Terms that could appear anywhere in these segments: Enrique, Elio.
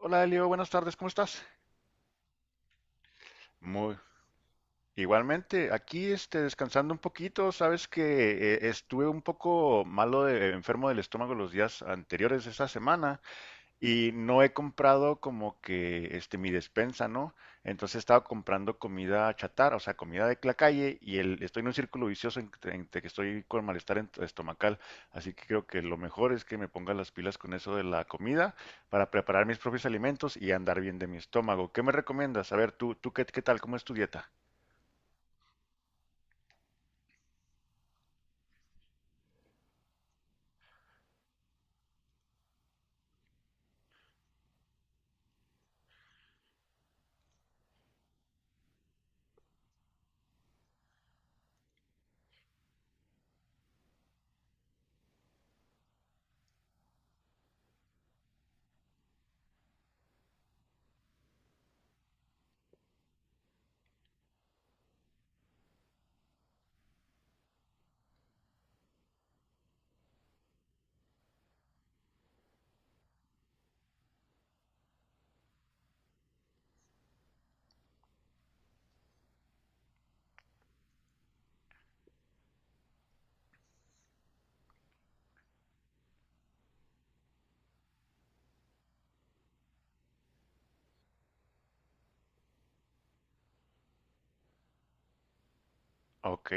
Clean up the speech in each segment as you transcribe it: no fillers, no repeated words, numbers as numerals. Hola Elio, buenas tardes, ¿cómo estás? Muy. Igualmente, aquí descansando un poquito. Sabes que estuve un poco malo, de enfermo del estómago los días anteriores de esta semana, y no he comprado como que este mi despensa, ¿no? Entonces he estado comprando comida chatarra, o sea, comida de la calle, y estoy en un círculo vicioso entre que estoy con malestar estomacal. Así que creo que lo mejor es que me ponga las pilas con eso de la comida para preparar mis propios alimentos y andar bien de mi estómago. ¿Qué me recomiendas? A ver, qué tal, ¿cómo es tu dieta? Ok.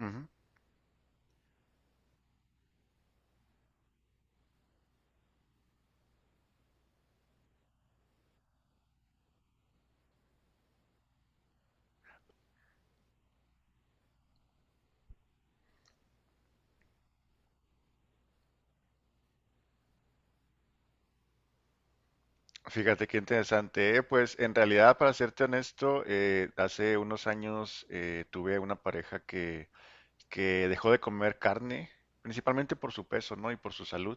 Ujú. Fíjate qué interesante. Pues en realidad, para serte honesto, hace unos años tuve una pareja que dejó de comer carne, principalmente por su peso, ¿no? Y por su salud.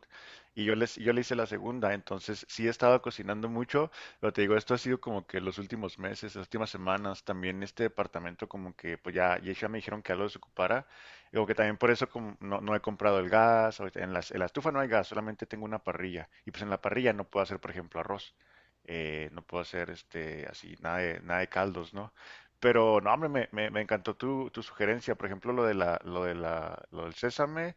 Yo le hice la segunda, entonces sí he estado cocinando mucho, pero te digo, esto ha sido como que los últimos meses, las últimas semanas. También este departamento como que, pues ya me dijeron que ya lo desocupara. Digo que también por eso como no he comprado el gas. Ahorita en en la estufa no hay gas, solamente tengo una parrilla, y pues en la parrilla no puedo hacer, por ejemplo, arroz. No puedo hacer así nada de, nada de caldos, ¿no? Pero no, hombre, me encantó tu sugerencia, por ejemplo, lo del sésame,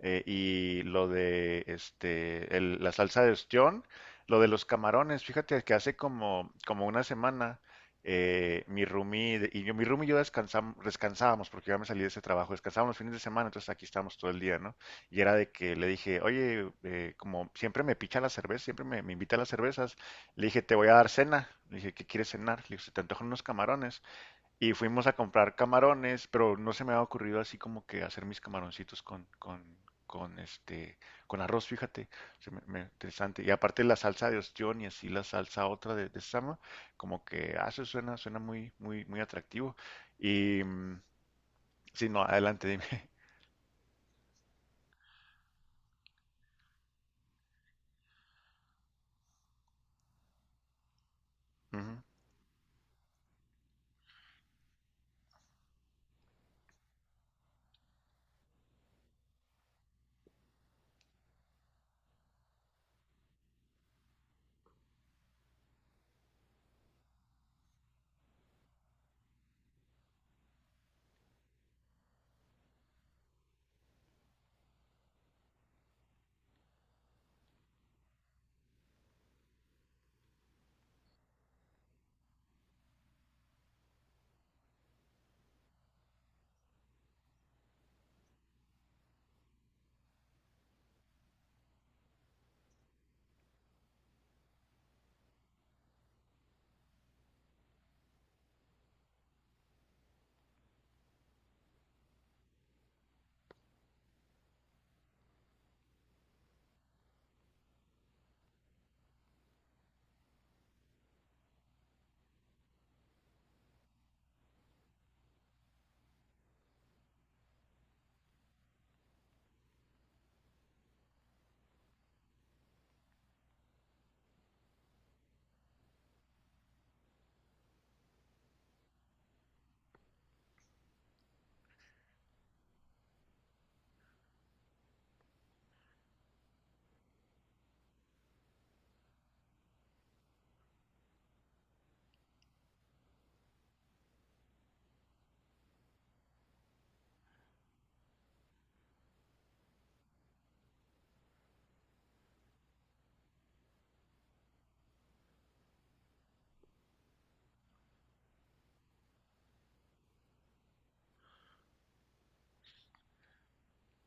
y lo de la salsa de ostión, lo de los camarones. Fíjate que hace como una semana mi roomie de- y yo, mi roomie y yo descansábamos porque yo ya me salí de ese trabajo. Descansábamos los fines de semana, entonces aquí estábamos todo el día, ¿no? Y era de que le dije, oye, como siempre me picha la cerveza, siempre me invita a las cervezas, le dije, te voy a dar cena. Le dije, ¿qué quieres cenar? Le dije, se te antojan unos camarones. Y fuimos a comprar camarones, pero no se me había ocurrido así como que hacer mis camaroncitos con este, con arroz, fíjate. Interesante. Y aparte la salsa de ostión y así la salsa otra de sama. Como que, ah, eso suena, suena muy atractivo. Y, mm, sí, no, adelante, dime. Ujú.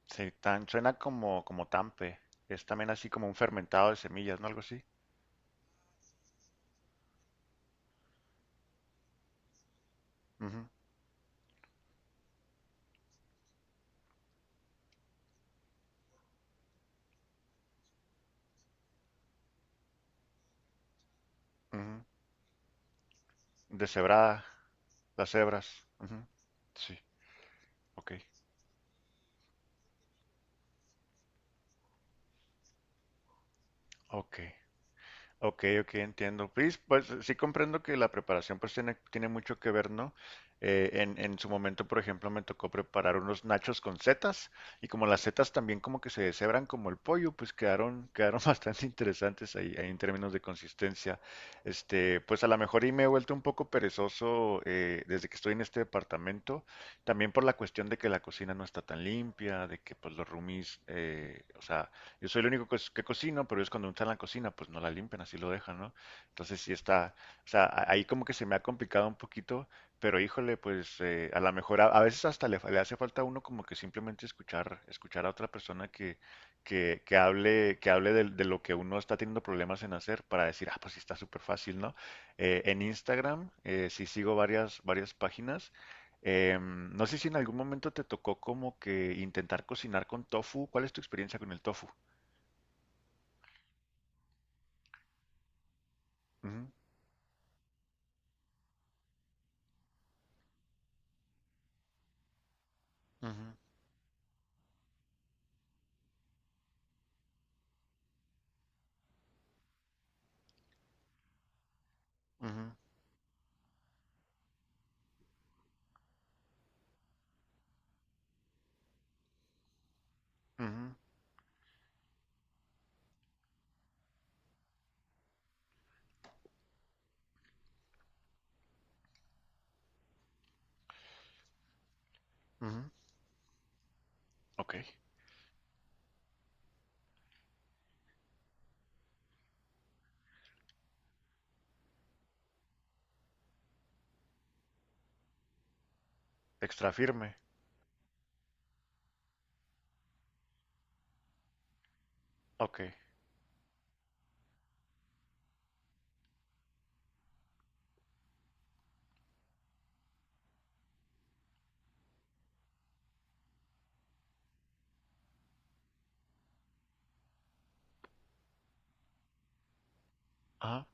Sí, tan, suena como, como tampe. Es también así como un fermentado de semillas, ¿no? Algo así. Ujú, ujú. Deshebrada, las hebras. Ujú. Sí, ok, ok. Ok, ok, entiendo. Pues, pues sí comprendo que la preparación pues tiene, tiene mucho que ver, ¿no? En su momento, por ejemplo, me tocó preparar unos nachos con setas, y como las setas también como que se deshebran como el pollo, pues quedaron, quedaron bastante interesantes ahí, ahí en términos de consistencia. Pues a lo mejor y me he vuelto un poco perezoso, desde que estoy en este departamento, también por la cuestión de que la cocina no está tan limpia, de que pues los roomies, o sea, yo soy el único que cocino, pero ellos cuando no están en la cocina, pues no la limpian, así lo dejan, ¿no? Entonces sí está, o sea, ahí como que se me ha complicado un poquito, pero híjole. Pues a lo mejor a veces hasta le hace falta a uno como que simplemente escuchar, escuchar a otra persona que hable de lo que uno está teniendo problemas en hacer, para decir, ah, pues sí está súper fácil, ¿no? En Instagram sí sigo varias, varias páginas. No sé si en algún momento te tocó como que intentar cocinar con tofu. ¿Cuál es tu experiencia con el tofu? Ujú, ujú, ujú, ujú, ujú. Ok. Extra firme. Ok. Ajá.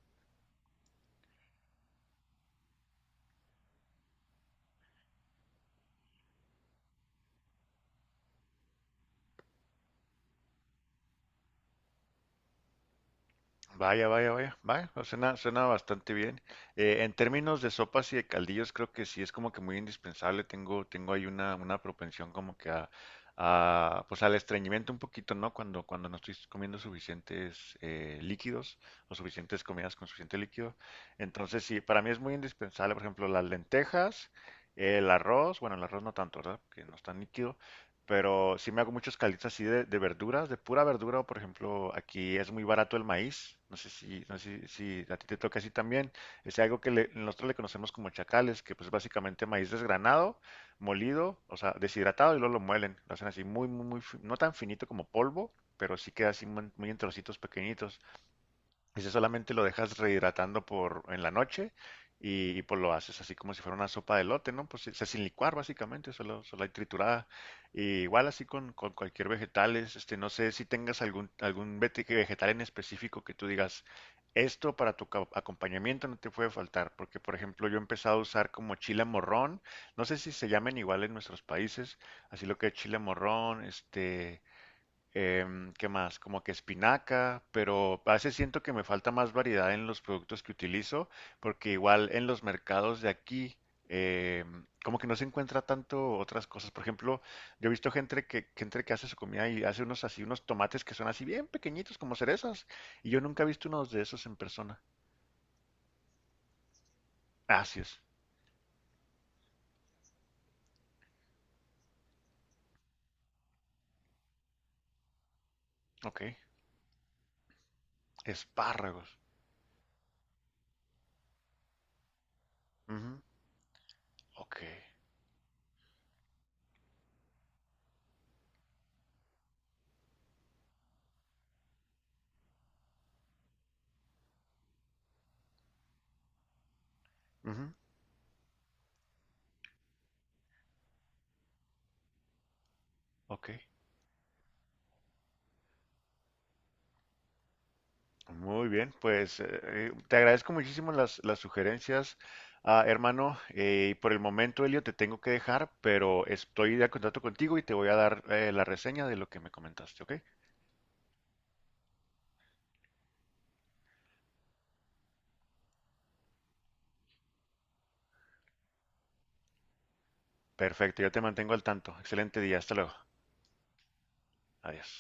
Vaya, vaya, vaya. Vaya. O Suena, suena bastante bien. En términos de sopas y de caldillos, creo que sí es como que muy indispensable. Tengo, tengo ahí una propensión como que pues al estreñimiento un poquito, ¿no? Cuando, cuando no estoy comiendo suficientes líquidos o suficientes comidas con suficiente líquido. Entonces, sí, para mí es muy indispensable, por ejemplo, las lentejas, el arroz. Bueno, el arroz no tanto, ¿verdad? Que no es tan líquido. Pero sí me hago muchos calitos así de verduras, de pura verdura. Por ejemplo, aquí es muy barato el maíz. No sé si, no sé si a ti te toca así también. Es algo que nosotros le conocemos como chacales, que pues básicamente maíz desgranado, molido, o sea, deshidratado y luego lo muelen. Lo hacen así muy, muy, muy, no tan finito como polvo, pero sí queda así muy muy en trocitos pequeñitos. Ese solamente lo dejas rehidratando por en la noche pues lo haces así como si fuera una sopa de elote, ¿no? Pues o sea, sin licuar básicamente, solo, solo hay triturada. Y igual así con cualquier vegetal. Es, no sé si tengas algún, algún vegetal en específico que tú digas, esto para tu acompañamiento no te puede faltar, porque por ejemplo yo he empezado a usar como chile morrón, no sé si se llamen igual en nuestros países, así lo que es chile morrón, este... ¿Qué más? Como que espinaca, pero a veces siento que me falta más variedad en los productos que utilizo, porque igual en los mercados de aquí, como que no se encuentra tanto otras cosas. Por ejemplo, yo he visto gente gente que hace su comida y hace unos así, unos tomates que son así bien pequeñitos, como cerezas, y yo nunca he visto unos de esos en persona. Así es. Ok. Espárragos. Ujú. Ok. Ujú. Ok. Muy bien, pues te agradezco muchísimo las sugerencias, ah, hermano. Y por el momento, Elio, te tengo que dejar, pero estoy de contacto contigo y te voy a dar la reseña de lo que me comentaste, ¿ok? Perfecto, yo te mantengo al tanto. Excelente día, hasta luego. Adiós.